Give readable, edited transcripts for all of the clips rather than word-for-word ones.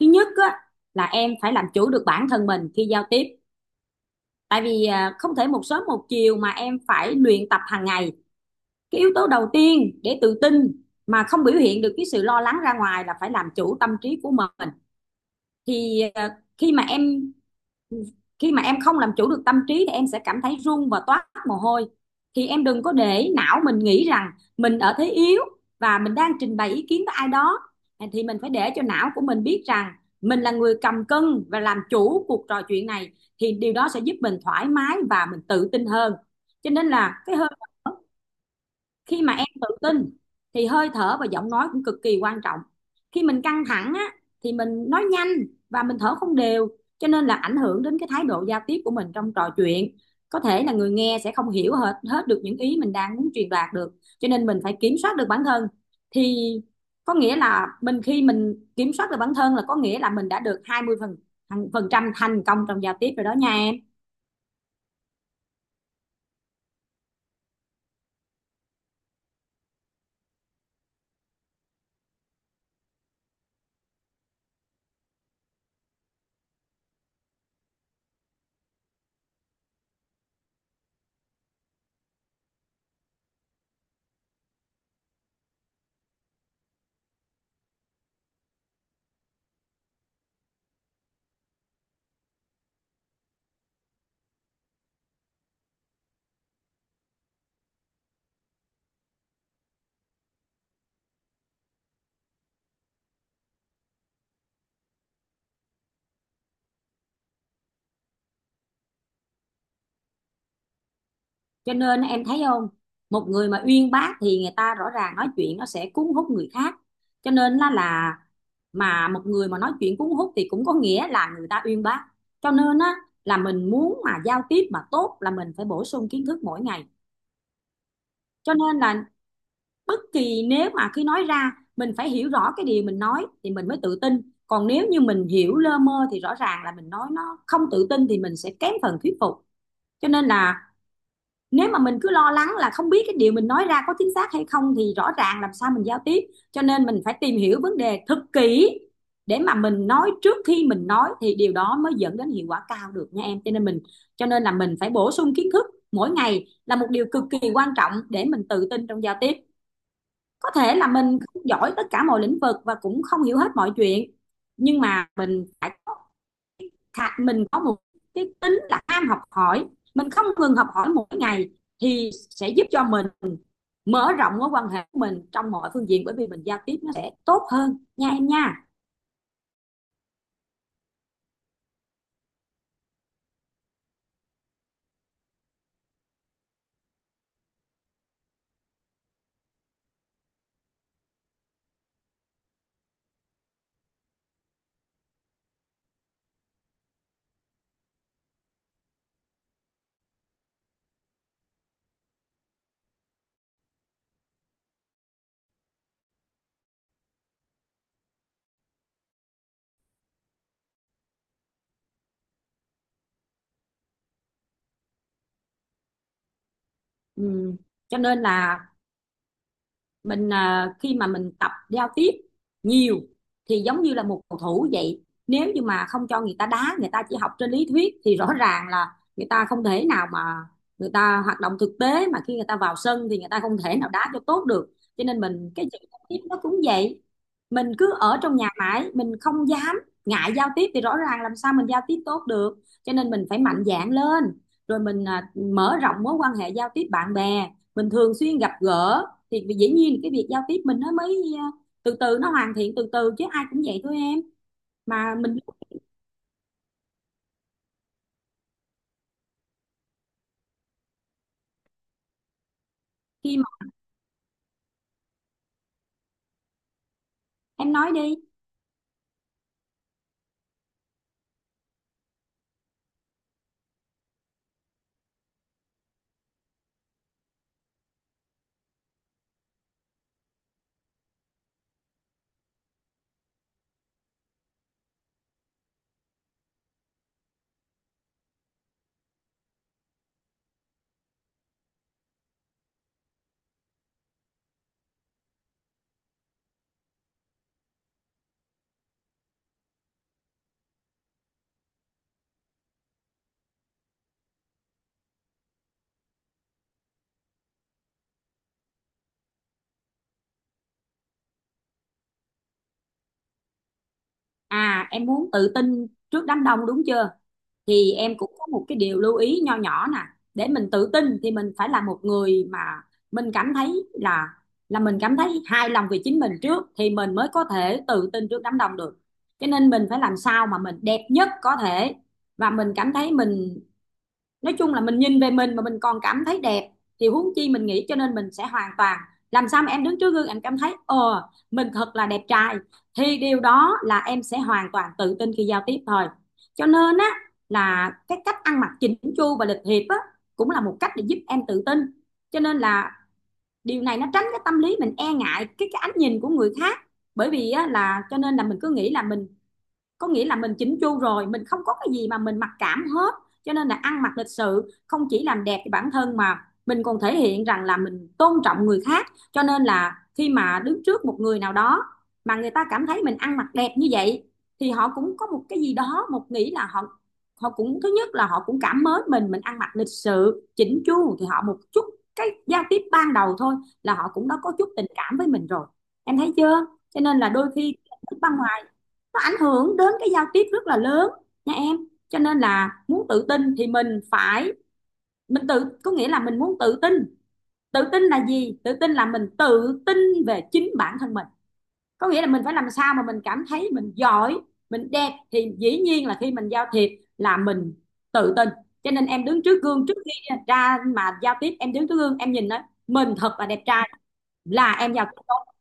Thứ nhất á, là em phải làm chủ được bản thân mình khi giao tiếp, tại vì không thể một sớm một chiều mà em phải luyện tập hàng ngày. Cái yếu tố đầu tiên để tự tin mà không biểu hiện được cái sự lo lắng ra ngoài là phải làm chủ tâm trí của mình. Khi mà em không làm chủ được tâm trí thì em sẽ cảm thấy run và toát mồ hôi. Thì em đừng có để não mình nghĩ rằng mình ở thế yếu và mình đang trình bày ý kiến với ai đó. Thì mình phải để cho não của mình biết rằng mình là người cầm cân và làm chủ cuộc trò chuyện này, thì điều đó sẽ giúp mình thoải mái và mình tự tin hơn. Cho nên là cái hơi thở, khi mà em tự tin thì hơi thở và giọng nói cũng cực kỳ quan trọng. Khi mình căng thẳng á thì mình nói nhanh và mình thở không đều, cho nên là ảnh hưởng đến cái thái độ giao tiếp của mình trong trò chuyện. Có thể là người nghe sẽ không hiểu hết hết được những ý mình đang muốn truyền đạt được, cho nên mình phải kiểm soát được bản thân. Thì có nghĩa là mình, khi mình kiểm soát được bản thân là có nghĩa là mình đã được 20 phần phần trăm thành công trong giao tiếp rồi đó nha em. Cho nên em thấy không, một người mà uyên bác thì người ta rõ ràng nói chuyện nó sẽ cuốn hút người khác. Cho nên là mà một người mà nói chuyện cuốn hút thì cũng có nghĩa là người ta uyên bác. Cho nên á là mình muốn mà giao tiếp mà tốt là mình phải bổ sung kiến thức mỗi ngày. Cho nên là bất kỳ nếu mà khi nói ra mình phải hiểu rõ cái điều mình nói thì mình mới tự tin, còn nếu như mình hiểu lơ mơ thì rõ ràng là mình nói nó không tự tin thì mình sẽ kém phần thuyết phục. Cho nên là nếu mà mình cứ lo lắng là không biết cái điều mình nói ra có chính xác hay không thì rõ ràng làm sao mình giao tiếp. Cho nên mình phải tìm hiểu vấn đề thật kỹ để mà mình nói, trước khi mình nói thì điều đó mới dẫn đến hiệu quả cao được nha em. Cho nên là mình phải bổ sung kiến thức mỗi ngày là một điều cực kỳ quan trọng để mình tự tin trong giao tiếp. Có thể là mình không giỏi tất cả mọi lĩnh vực và cũng không hiểu hết mọi chuyện, nhưng mà mình phải có, thà mình có một cái tính là ham học hỏi, mình không ngừng học hỏi mỗi ngày thì sẽ giúp cho mình mở rộng mối quan hệ của mình trong mọi phương diện, bởi vì mình giao tiếp nó sẽ tốt hơn nha em nha. Ừ. Cho nên là mình, khi mà mình tập giao tiếp nhiều thì giống như là một cầu thủ vậy, nếu như mà không cho người ta đá, người ta chỉ học trên lý thuyết thì rõ ràng là người ta không thể nào mà người ta hoạt động thực tế, mà khi người ta vào sân thì người ta không thể nào đá cho tốt được. Cho nên mình cái chữ giao tiếp nó cũng vậy, mình cứ ở trong nhà mãi, mình không dám, ngại giao tiếp thì rõ ràng làm sao mình giao tiếp tốt được. Cho nên mình phải mạnh dạn lên, rồi mình mở rộng mối quan hệ giao tiếp, bạn bè mình thường xuyên gặp gỡ thì vì dĩ nhiên cái việc giao tiếp mình nó mới từ từ nó hoàn thiện từ từ chứ ai cũng vậy thôi em. Mà mình khi mà em nói đi. À, em muốn tự tin trước đám đông đúng chưa, thì em cũng có một cái điều lưu ý nho nhỏ nè. Để mình tự tin thì mình phải là một người mà mình cảm thấy là mình cảm thấy hài lòng về chính mình trước thì mình mới có thể tự tin trước đám đông được. Cho nên mình phải làm sao mà mình đẹp nhất có thể và mình cảm thấy mình, nói chung là mình nhìn về mình mà mình còn cảm thấy đẹp thì huống chi mình nghĩ, cho nên mình sẽ hoàn toàn, làm sao mà em đứng trước gương em cảm thấy ờ mình thật là đẹp trai thì điều đó là em sẽ hoàn toàn tự tin khi giao tiếp thôi. Cho nên á là cái cách ăn mặc chỉnh chu và lịch thiệp á cũng là một cách để giúp em tự tin. Cho nên là điều này nó tránh cái tâm lý mình e ngại cái ánh nhìn của người khác, bởi vì á, là cho nên là mình cứ nghĩ là mình, có nghĩa là mình chỉnh chu rồi, mình không có cái gì mà mình mặc cảm hết. Cho nên là ăn mặc lịch sự không chỉ làm đẹp cho bản thân mà mình còn thể hiện rằng là mình tôn trọng người khác. Cho nên là khi mà đứng trước một người nào đó mà người ta cảm thấy mình ăn mặc đẹp như vậy thì họ cũng có một cái gì đó, một nghĩ là họ họ cũng, thứ nhất là họ cũng cảm mến mình ăn mặc lịch sự chỉnh chu thì họ một chút cái giao tiếp ban đầu thôi là họ cũng đã có chút tình cảm với mình rồi. Em thấy chưa, cho nên là đôi khi văn nó ảnh hưởng đến cái giao tiếp rất là lớn nha em. Cho nên là muốn tự tin thì mình phải, mình tự, có nghĩa là mình muốn tự tin, tự tin là gì, tự tin là mình tự tin về chính bản thân mình, có nghĩa là mình phải làm sao mà mình cảm thấy mình giỏi, mình đẹp thì dĩ nhiên là khi mình giao thiệp là mình tự tin. Cho nên em đứng trước gương, trước khi ra mà giao tiếp em đứng trước gương em nhìn đó, mình thật là đẹp trai là em giao tiếp tốt.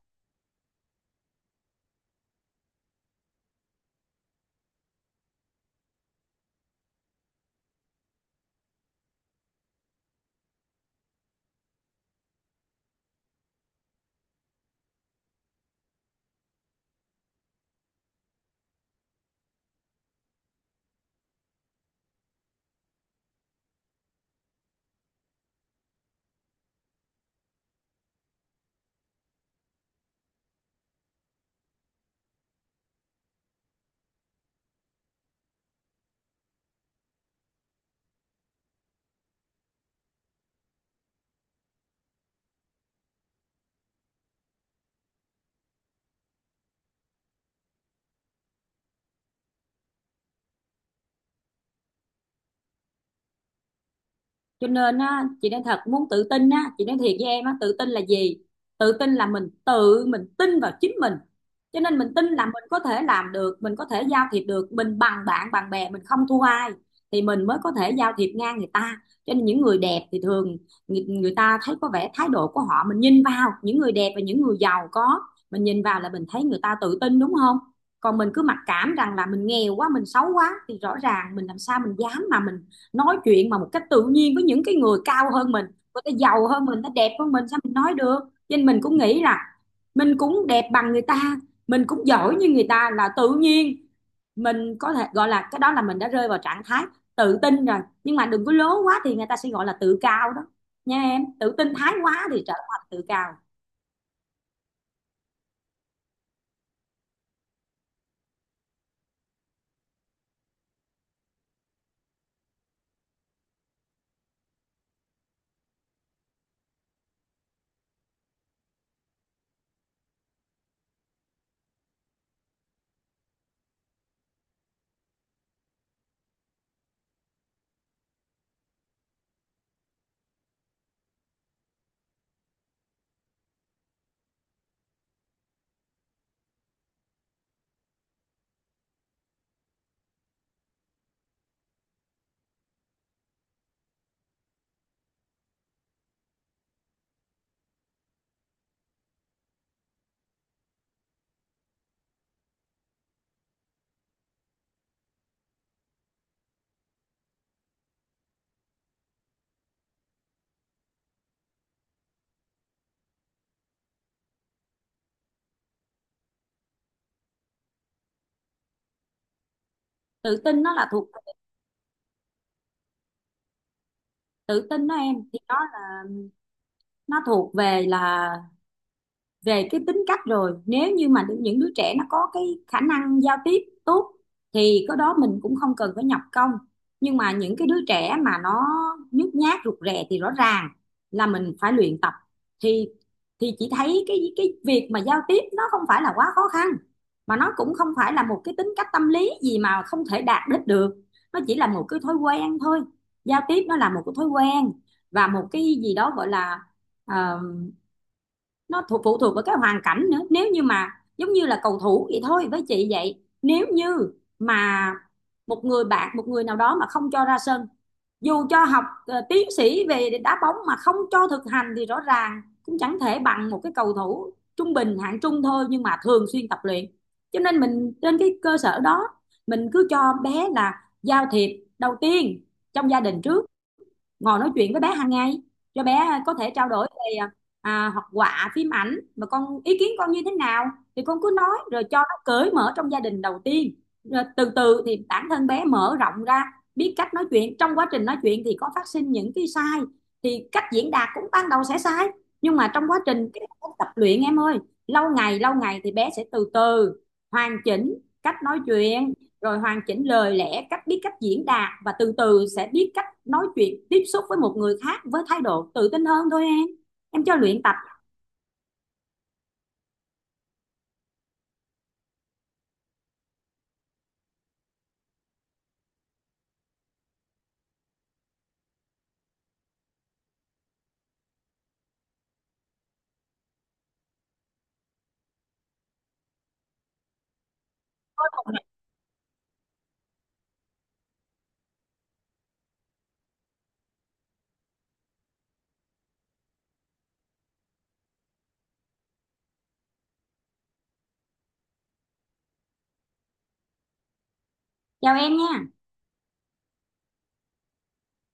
Cho nên á chị nói thật, muốn tự tin á chị nói thiệt với em á, tự tin là gì, tự tin là mình tự mình tin vào chính mình. Cho nên mình tin là mình có thể làm được, mình có thể giao thiệp được, mình bằng bạn bằng bè, mình không thua ai thì mình mới có thể giao thiệp ngang người ta. Cho nên những người đẹp thì thường người ta thấy có vẻ thái độ của họ, mình nhìn vào những người đẹp và những người giàu có, mình nhìn vào là mình thấy người ta tự tin đúng không. Còn mình cứ mặc cảm rằng là mình nghèo quá, mình xấu quá thì rõ ràng mình làm sao mình dám mà mình nói chuyện mà một cách tự nhiên với những cái người cao hơn mình, người ta giàu hơn mình, người ta đẹp hơn mình, sao mình nói được. Cho nên mình cũng nghĩ là mình cũng đẹp bằng người ta, mình cũng giỏi như người ta là tự nhiên, mình có thể gọi là cái đó là mình đã rơi vào trạng thái tự tin rồi. Nhưng mà đừng có lố quá thì người ta sẽ gọi là tự cao đó nha em, tự tin thái quá thì trở thành tự cao. tự tin nó là thuộc Tự tin đó em thì nó thuộc về là về cái tính cách rồi. Nếu như mà những đứa trẻ nó có cái khả năng giao tiếp tốt thì cái đó mình cũng không cần phải nhập công. Nhưng mà những cái đứa trẻ mà nó nhút nhát rụt rè thì rõ ràng là mình phải luyện tập. thì thì chị thấy cái việc mà giao tiếp nó không phải là quá khó khăn, mà nó cũng không phải là một cái tính cách tâm lý gì mà không thể đạt đích được, nó chỉ là một cái thói quen thôi. Giao tiếp nó là một cái thói quen và một cái gì đó gọi là ờ, nó thuộc phụ thuộc vào cái hoàn cảnh nữa. Nếu như mà giống như là cầu thủ vậy thôi, với chị vậy nếu như mà một người bạn, một người nào đó mà không cho ra sân, dù cho học tiến sĩ về đá bóng mà không cho thực hành thì rõ ràng cũng chẳng thể bằng một cái cầu thủ trung bình hạng trung thôi nhưng mà thường xuyên tập luyện. Cho nên mình trên cái cơ sở đó mình cứ cho bé là giao thiệp đầu tiên trong gia đình trước, ngồi nói chuyện với bé hàng ngày, cho bé có thể trao đổi về học họa phim ảnh mà con ý kiến con như thế nào thì con cứ nói, rồi cho nó cởi mở trong gia đình đầu tiên. Rồi từ từ thì bản thân bé mở rộng ra, biết cách nói chuyện, trong quá trình nói chuyện thì có phát sinh những cái sai thì cách diễn đạt cũng ban đầu sẽ sai, nhưng mà trong quá trình cái tập luyện em ơi, lâu ngày thì bé sẽ từ từ hoàn chỉnh cách nói chuyện, rồi hoàn chỉnh lời lẽ, cách biết cách diễn đạt và từ từ sẽ biết cách nói chuyện tiếp xúc với một người khác với thái độ tự tin hơn thôi em cho luyện tập. Chào em nha.